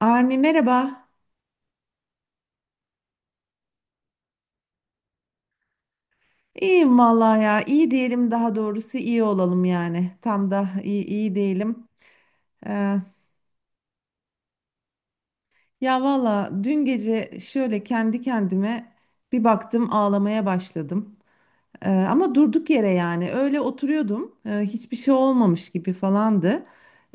Armi merhaba. İyiyim vallahi ya. İyi diyelim, daha doğrusu iyi olalım yani. Tam da iyi, iyi diyelim. Ee, ya valla dün gece şöyle kendi kendime bir baktım, ağlamaya başladım. Ama durduk yere, yani öyle oturuyordum. Hiçbir şey olmamış gibi falandı.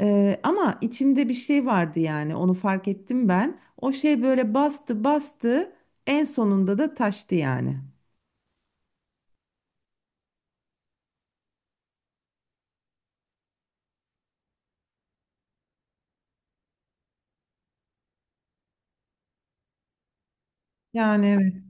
Ama içimde bir şey vardı, yani onu fark ettim ben. O şey böyle bastı bastı, en sonunda da taştı yani. Yani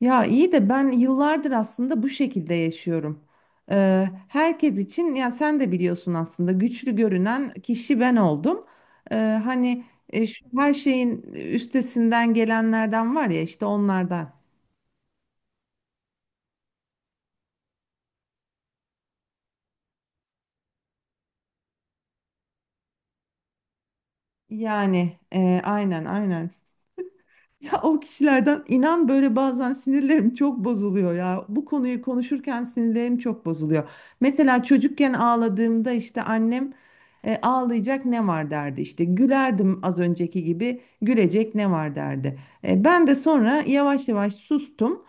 ya iyi de ben yıllardır aslında bu şekilde yaşıyorum. Herkes için, ya sen de biliyorsun, aslında güçlü görünen kişi ben oldum. Ee, hani şu her şeyin üstesinden gelenlerden var ya, işte onlardan. Yani aynen aynen. Ya o kişilerden, inan, böyle bazen sinirlerim çok bozuluyor ya. Bu konuyu konuşurken sinirlerim çok bozuluyor. Mesela çocukken ağladığımda işte annem ağlayacak ne var derdi. İşte gülerdim, az önceki gibi, gülecek ne var derdi. Ben de sonra yavaş yavaş sustum.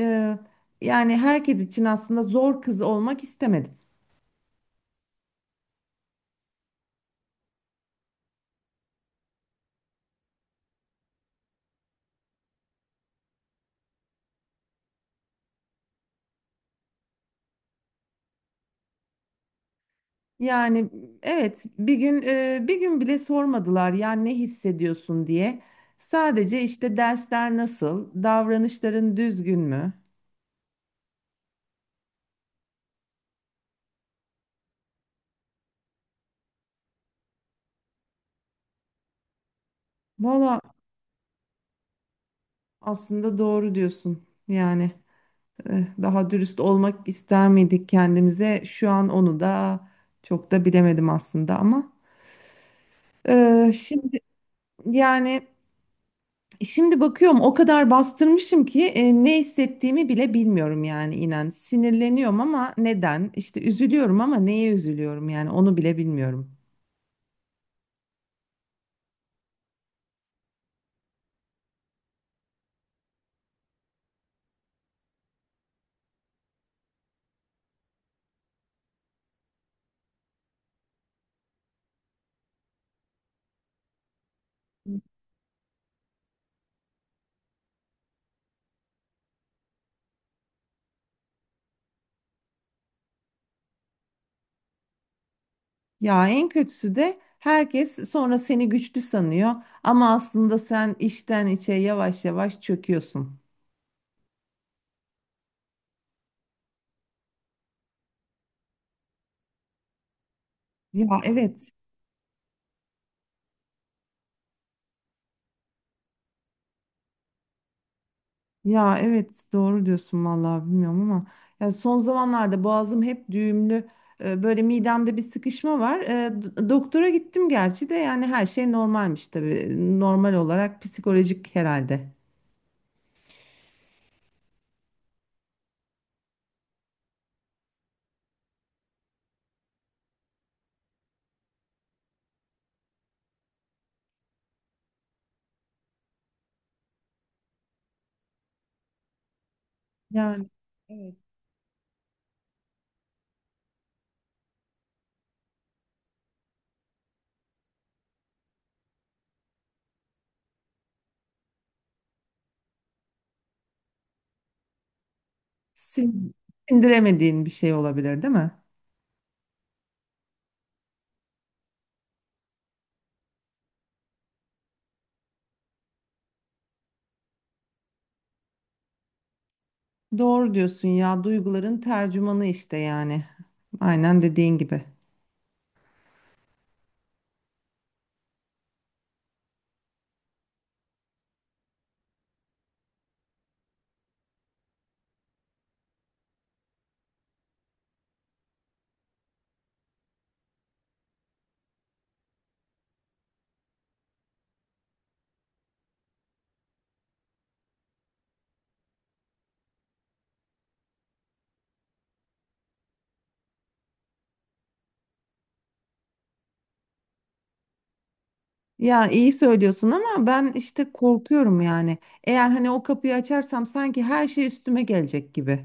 E, yani herkes için aslında zor kız olmak istemedim. Yani evet, bir gün bir gün bile sormadılar yani ne hissediyorsun diye. Sadece işte dersler nasıl, davranışların düzgün mü? Valla aslında doğru diyorsun. Yani daha dürüst olmak ister miydik kendimize? Şu an onu da çok da bilemedim aslında ama şimdi yani. Şimdi bakıyorum o kadar bastırmışım ki ne hissettiğimi bile bilmiyorum yani, inan. Sinirleniyorum ama neden? İşte üzülüyorum ama neye üzülüyorum, yani onu bile bilmiyorum. Ya en kötüsü de herkes sonra seni güçlü sanıyor ama aslında sen içten içe yavaş yavaş çöküyorsun. Ya evet. Ya evet, doğru diyorsun vallahi, bilmiyorum ama ya son zamanlarda boğazım hep düğümlü, böyle midemde bir sıkışma var. Doktora gittim gerçi de yani her şey normalmiş tabii. Normal olarak psikolojik herhalde. Yani evet. Sin- Sindiremediğin bir şey olabilir değil mi? Doğru diyorsun ya, duyguların tercümanı işte yani. Aynen dediğin gibi. Ya iyi söylüyorsun ama ben işte korkuyorum yani. Eğer hani o kapıyı açarsam sanki her şey üstüme gelecek gibi.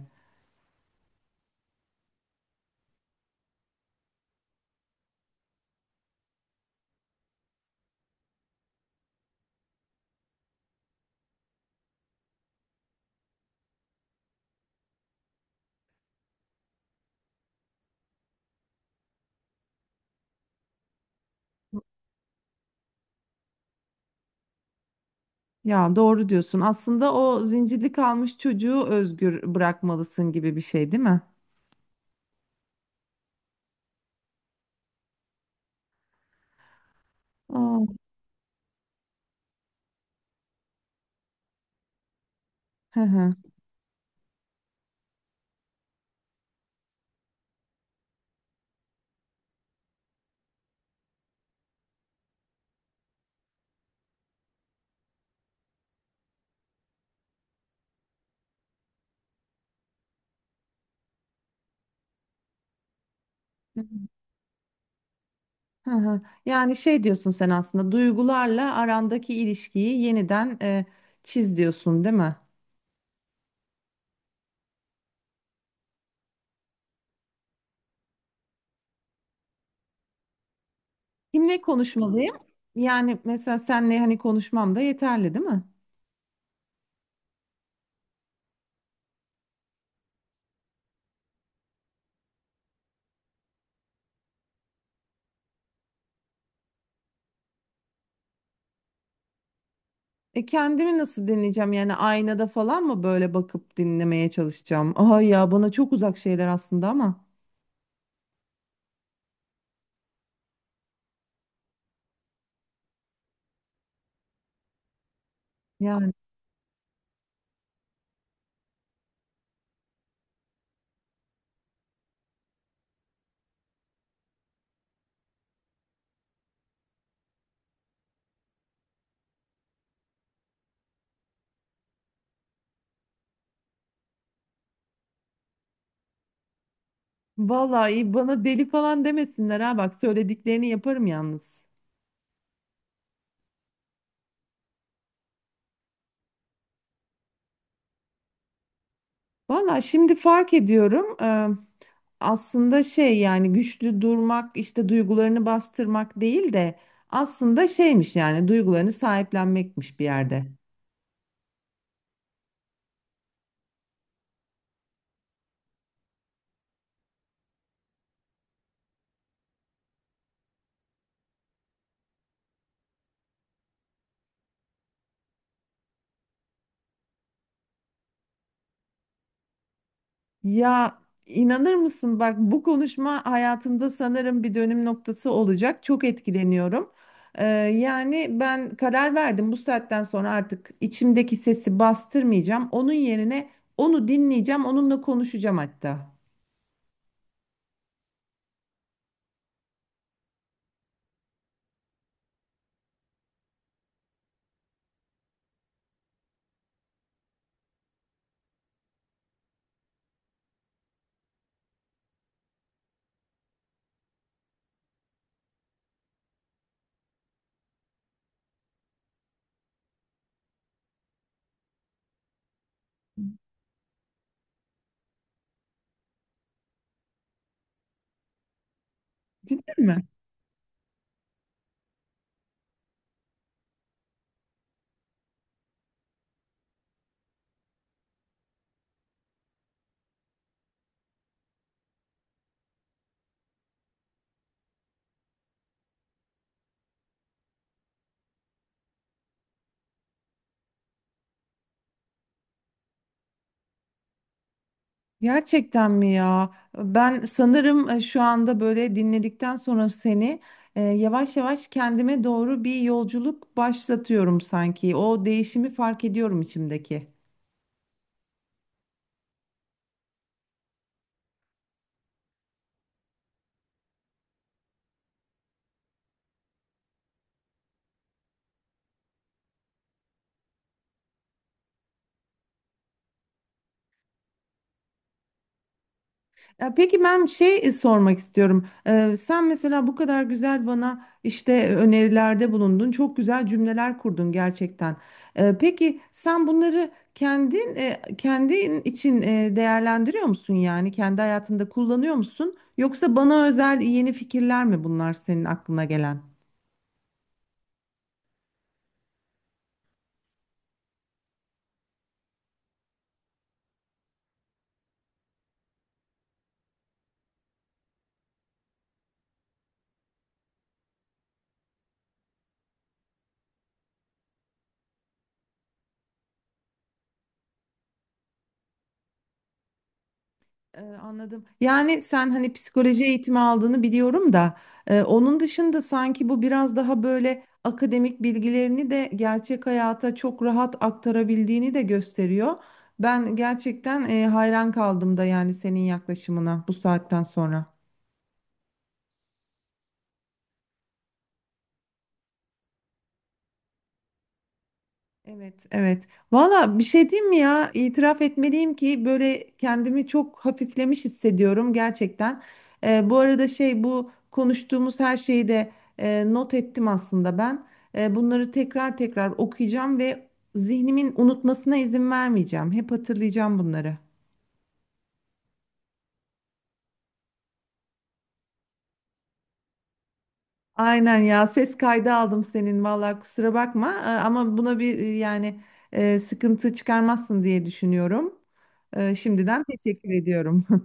Ya doğru diyorsun. Aslında o zincirli kalmış çocuğu özgür bırakmalısın gibi bir şey değil mi? Aa, hı hı. Hı hı. Yani şey diyorsun sen, aslında duygularla arandaki ilişkiyi yeniden çiz diyorsun değil mi? Kimle konuşmalıyım? Yani mesela senle hani konuşmam da yeterli değil mi? E kendimi nasıl dinleyeceğim? Yani aynada falan mı böyle bakıp dinlemeye çalışacağım? Ay ya, bana çok uzak şeyler aslında ama. Yani vallahi bana deli falan demesinler ha, bak söylediklerini yaparım yalnız. Vallahi şimdi fark ediyorum. Aslında şey, yani güçlü durmak işte duygularını bastırmak değil de, aslında şeymiş yani, duygularını sahiplenmekmiş bir yerde. Ya inanır mısın, bak, bu konuşma hayatımda sanırım bir dönüm noktası olacak. Çok etkileniyorum. Yani ben karar verdim, bu saatten sonra artık içimdeki sesi bastırmayacağım. Onun yerine onu dinleyeceğim, onunla konuşacağım hatta. Değil mi? Gerçekten mi ya? Ben sanırım şu anda böyle dinledikten sonra seni yavaş yavaş kendime doğru bir yolculuk başlatıyorum sanki. O değişimi fark ediyorum içimdeki. Ya peki ben şey sormak istiyorum. Sen mesela bu kadar güzel bana işte önerilerde bulundun. Çok güzel cümleler kurdun gerçekten. Peki sen bunları kendin kendin için değerlendiriyor musun yani? Kendi hayatında kullanıyor musun? Yoksa bana özel yeni fikirler mi bunlar senin aklına gelen? Anladım. Yani sen hani psikoloji eğitimi aldığını biliyorum da onun dışında sanki bu biraz daha böyle akademik bilgilerini de gerçek hayata çok rahat aktarabildiğini de gösteriyor. Ben gerçekten hayran kaldım da yani senin yaklaşımına, bu saatten sonra. Evet, evet. Valla bir şey diyeyim mi ya? İtiraf etmeliyim ki böyle kendimi çok hafiflemiş hissediyorum gerçekten. Bu arada şey, bu konuştuğumuz her şeyi de not ettim aslında ben. Bunları tekrar tekrar okuyacağım ve zihnimin unutmasına izin vermeyeceğim. Hep hatırlayacağım bunları. Aynen ya, ses kaydı aldım senin, valla kusura bakma. Ama buna bir sıkıntı çıkarmazsın diye düşünüyorum. Şimdiden teşekkür ediyorum.